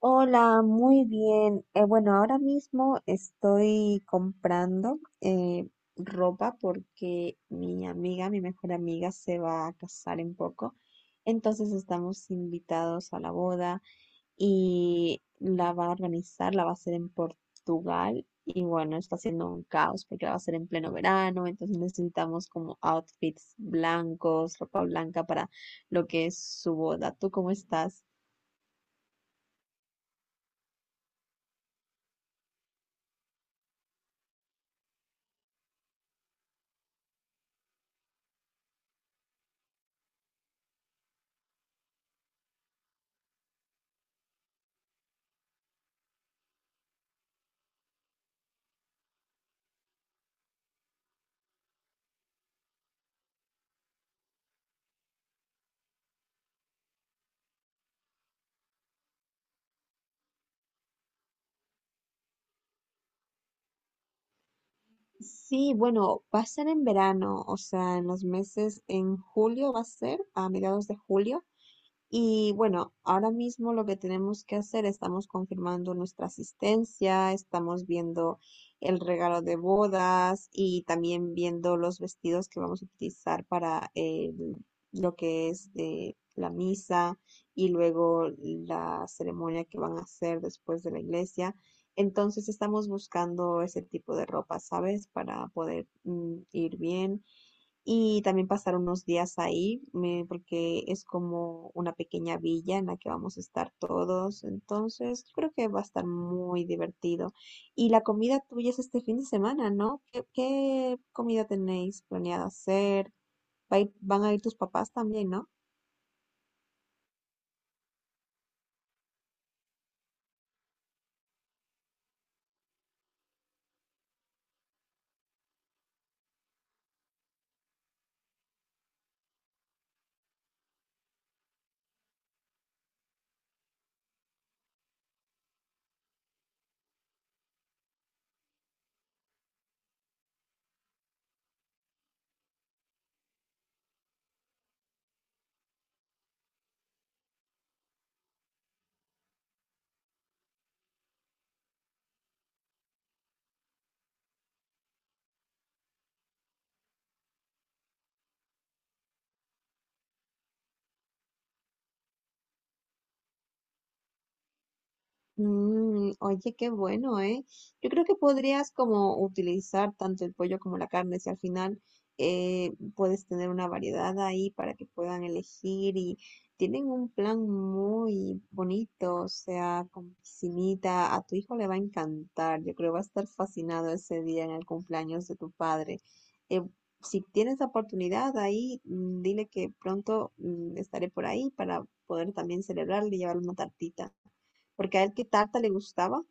Hola, muy bien. Bueno, ahora mismo estoy comprando ropa porque mi amiga, mi mejor amiga, se va a casar en poco. Entonces estamos invitados a la boda y la va a organizar, la va a hacer en Portugal. Y bueno, está haciendo un caos porque la va a hacer en pleno verano. Entonces necesitamos como outfits blancos, ropa blanca para lo que es su boda. ¿Tú cómo estás? Sí, bueno, va a ser en verano, o sea, en los meses, en julio va a ser, a mediados de julio. Y bueno, ahora mismo lo que tenemos que hacer, estamos confirmando nuestra asistencia, estamos viendo el regalo de bodas y también viendo los vestidos que vamos a utilizar para lo que es la misa y luego la ceremonia que van a hacer después de la iglesia. Entonces estamos buscando ese tipo de ropa, ¿sabes? Para poder ir bien y también pasar unos días ahí, porque es como una pequeña villa en la que vamos a estar todos. Entonces, yo creo que va a estar muy divertido. Y la comida tuya es este fin de semana, ¿no? Qué comida tenéis planeada hacer? Van a ir tus papás también, ¿no? Mm, oye, qué bueno, ¿eh? Yo creo que podrías como utilizar tanto el pollo como la carne, si al final puedes tener una variedad ahí para que puedan elegir y tienen un plan muy bonito, o sea, con piscinita, a tu hijo le va a encantar, yo creo va a estar fascinado ese día en el cumpleaños de tu padre. Eh, si tienes la oportunidad ahí, dile que pronto estaré por ahí para poder también celebrarle y llevarle una tartita porque a él qué tarta le gustaba.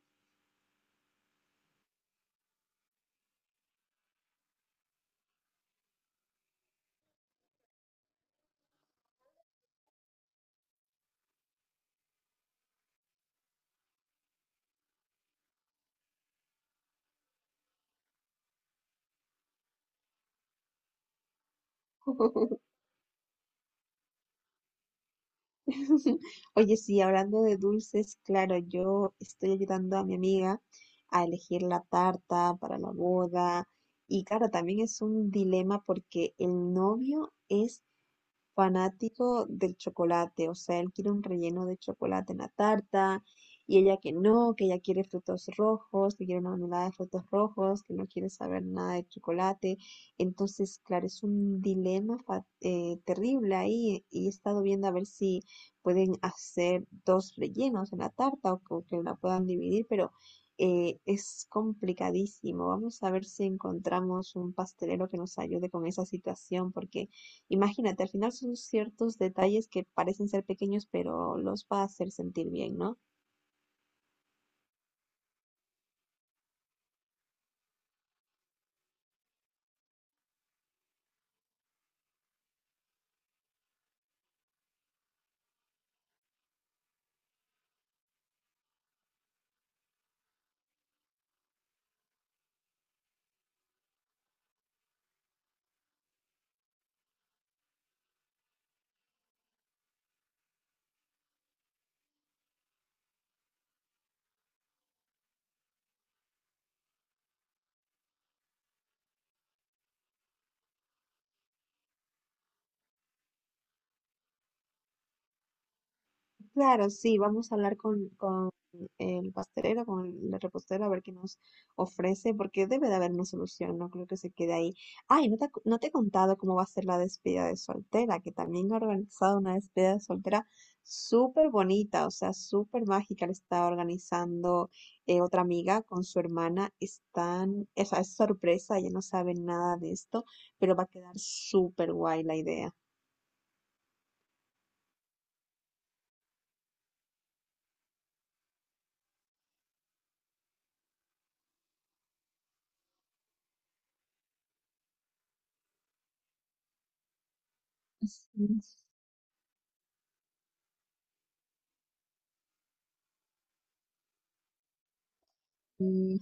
Oye, sí, hablando de dulces, claro, yo estoy ayudando a mi amiga a elegir la tarta para la boda. Y claro, también es un dilema porque el novio es fanático del chocolate, o sea, él quiere un relleno de chocolate en la tarta y ella que no, que ella quiere frutos rojos, que quiere una mermelada de frutos rojos, que no quiere saber nada de chocolate. Entonces, claro, es un dilema terrible ahí y he estado viendo a ver si pueden hacer dos rellenos en la tarta o que la puedan dividir, pero... es complicadísimo. Vamos a ver si encontramos un pastelero que nos ayude con esa situación, porque imagínate, al final son ciertos detalles que parecen ser pequeños, pero los va a hacer sentir bien, ¿no? Claro, sí, vamos a hablar con el pastelero, con el repostero, a ver qué nos ofrece, porque debe de haber una solución, no creo que se quede ahí. Ay, no te he contado cómo va a ser la despedida de soltera, que también ha organizado una despedida de soltera súper bonita, o sea, súper mágica, la está organizando otra amiga con su hermana, están, o sea, es sorpresa, ella no sabe nada de esto, pero va a quedar súper guay la idea. Mm.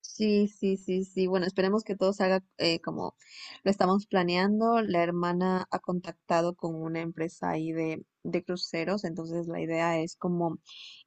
Sí, sí, sí, sí. Bueno, esperemos que todo salga como lo estamos planeando. La hermana ha contactado con una empresa ahí de cruceros, entonces la idea es como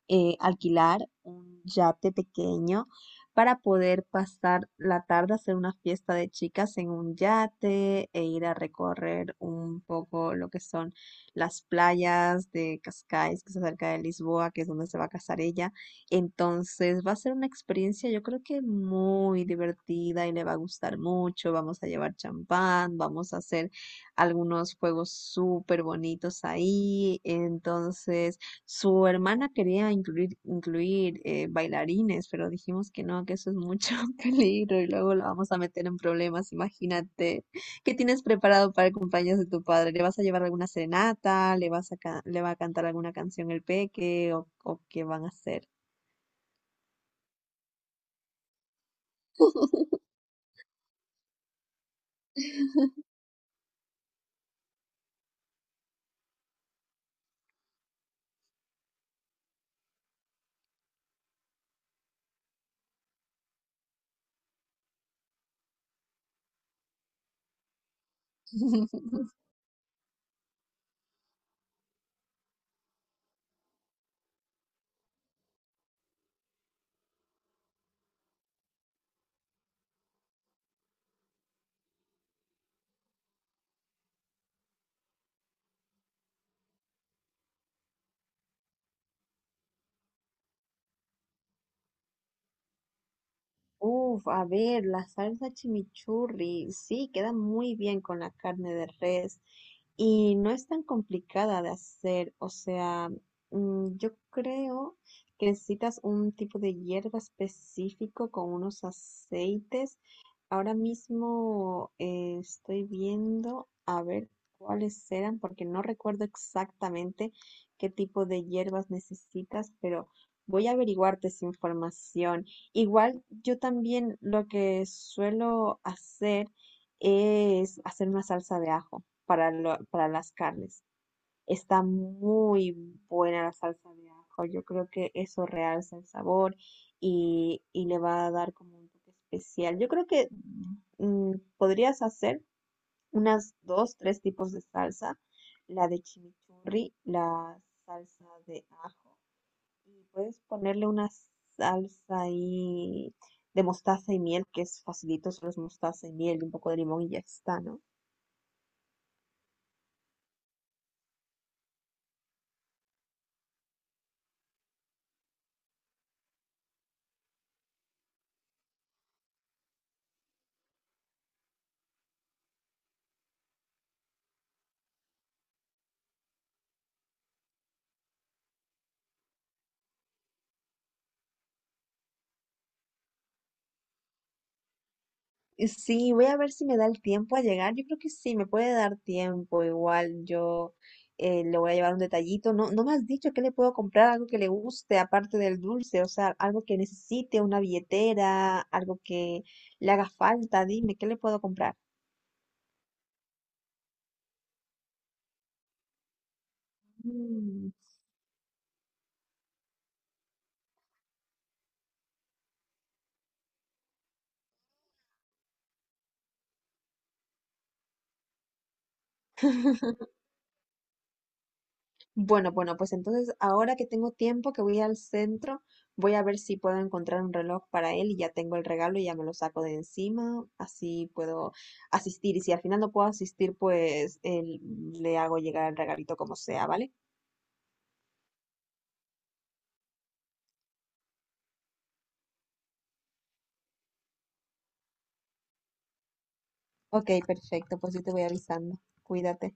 alquilar un yate pequeño para poder pasar la tarde, hacer una fiesta de chicas en un yate e ir a recorrer un poco lo que son las playas de Cascais, que es cerca de Lisboa, que es donde se va a casar ella. Entonces va a ser una experiencia yo creo que muy divertida y le va a gustar mucho. Vamos a llevar champán, vamos a hacer algunos juegos súper bonitos ahí. Entonces... Su hermana quería incluir bailarines, pero dijimos que no, que eso es mucho peligro y luego la vamos a meter en problemas. Imagínate, ¿qué tienes preparado para el cumpleaños de tu padre? ¿Le vas a llevar alguna serenata? Le va a cantar alguna canción el peque? O qué van a hacer? Uf, a ver, la salsa chimichurri, sí, queda muy bien con la carne de res y no es tan complicada de hacer, o sea, yo creo que necesitas un tipo de hierba específico con unos aceites. Ahora mismo estoy viendo a ver cuáles eran, porque no recuerdo exactamente qué tipo de hierbas necesitas, pero voy a averiguarte esa información. Igual yo también lo que suelo hacer es hacer una salsa de ajo para, para las carnes. Está muy buena la salsa de ajo. Yo creo que eso realza el sabor y le va a dar como un toque especial. Yo creo que podrías hacer unas dos, tres tipos de salsa. La de chimichurri, la salsa de ajo y puedes ponerle una salsa ahí de mostaza y miel, que es facilito, solo es mostaza y miel y un poco de limón y ya está, ¿no? Y sí, voy a ver si me da el tiempo a llegar. Yo creo que sí, me puede dar tiempo. Igual yo le voy a llevar un detallito. No, no me has dicho que le puedo comprar algo que le guste, aparte del dulce, o sea, algo que necesite, una billetera, algo que le haga falta. Dime, ¿qué le puedo comprar? Mm. Bueno, bueno, pues entonces ahora que tengo tiempo, que voy al centro, voy a ver si puedo encontrar un reloj para él y ya tengo el regalo y ya me lo saco de encima, así puedo asistir. Y si al final no puedo asistir, le hago llegar el regalito como sea, ¿vale? Ok, perfecto, pues yo te voy avisando. Cuídate.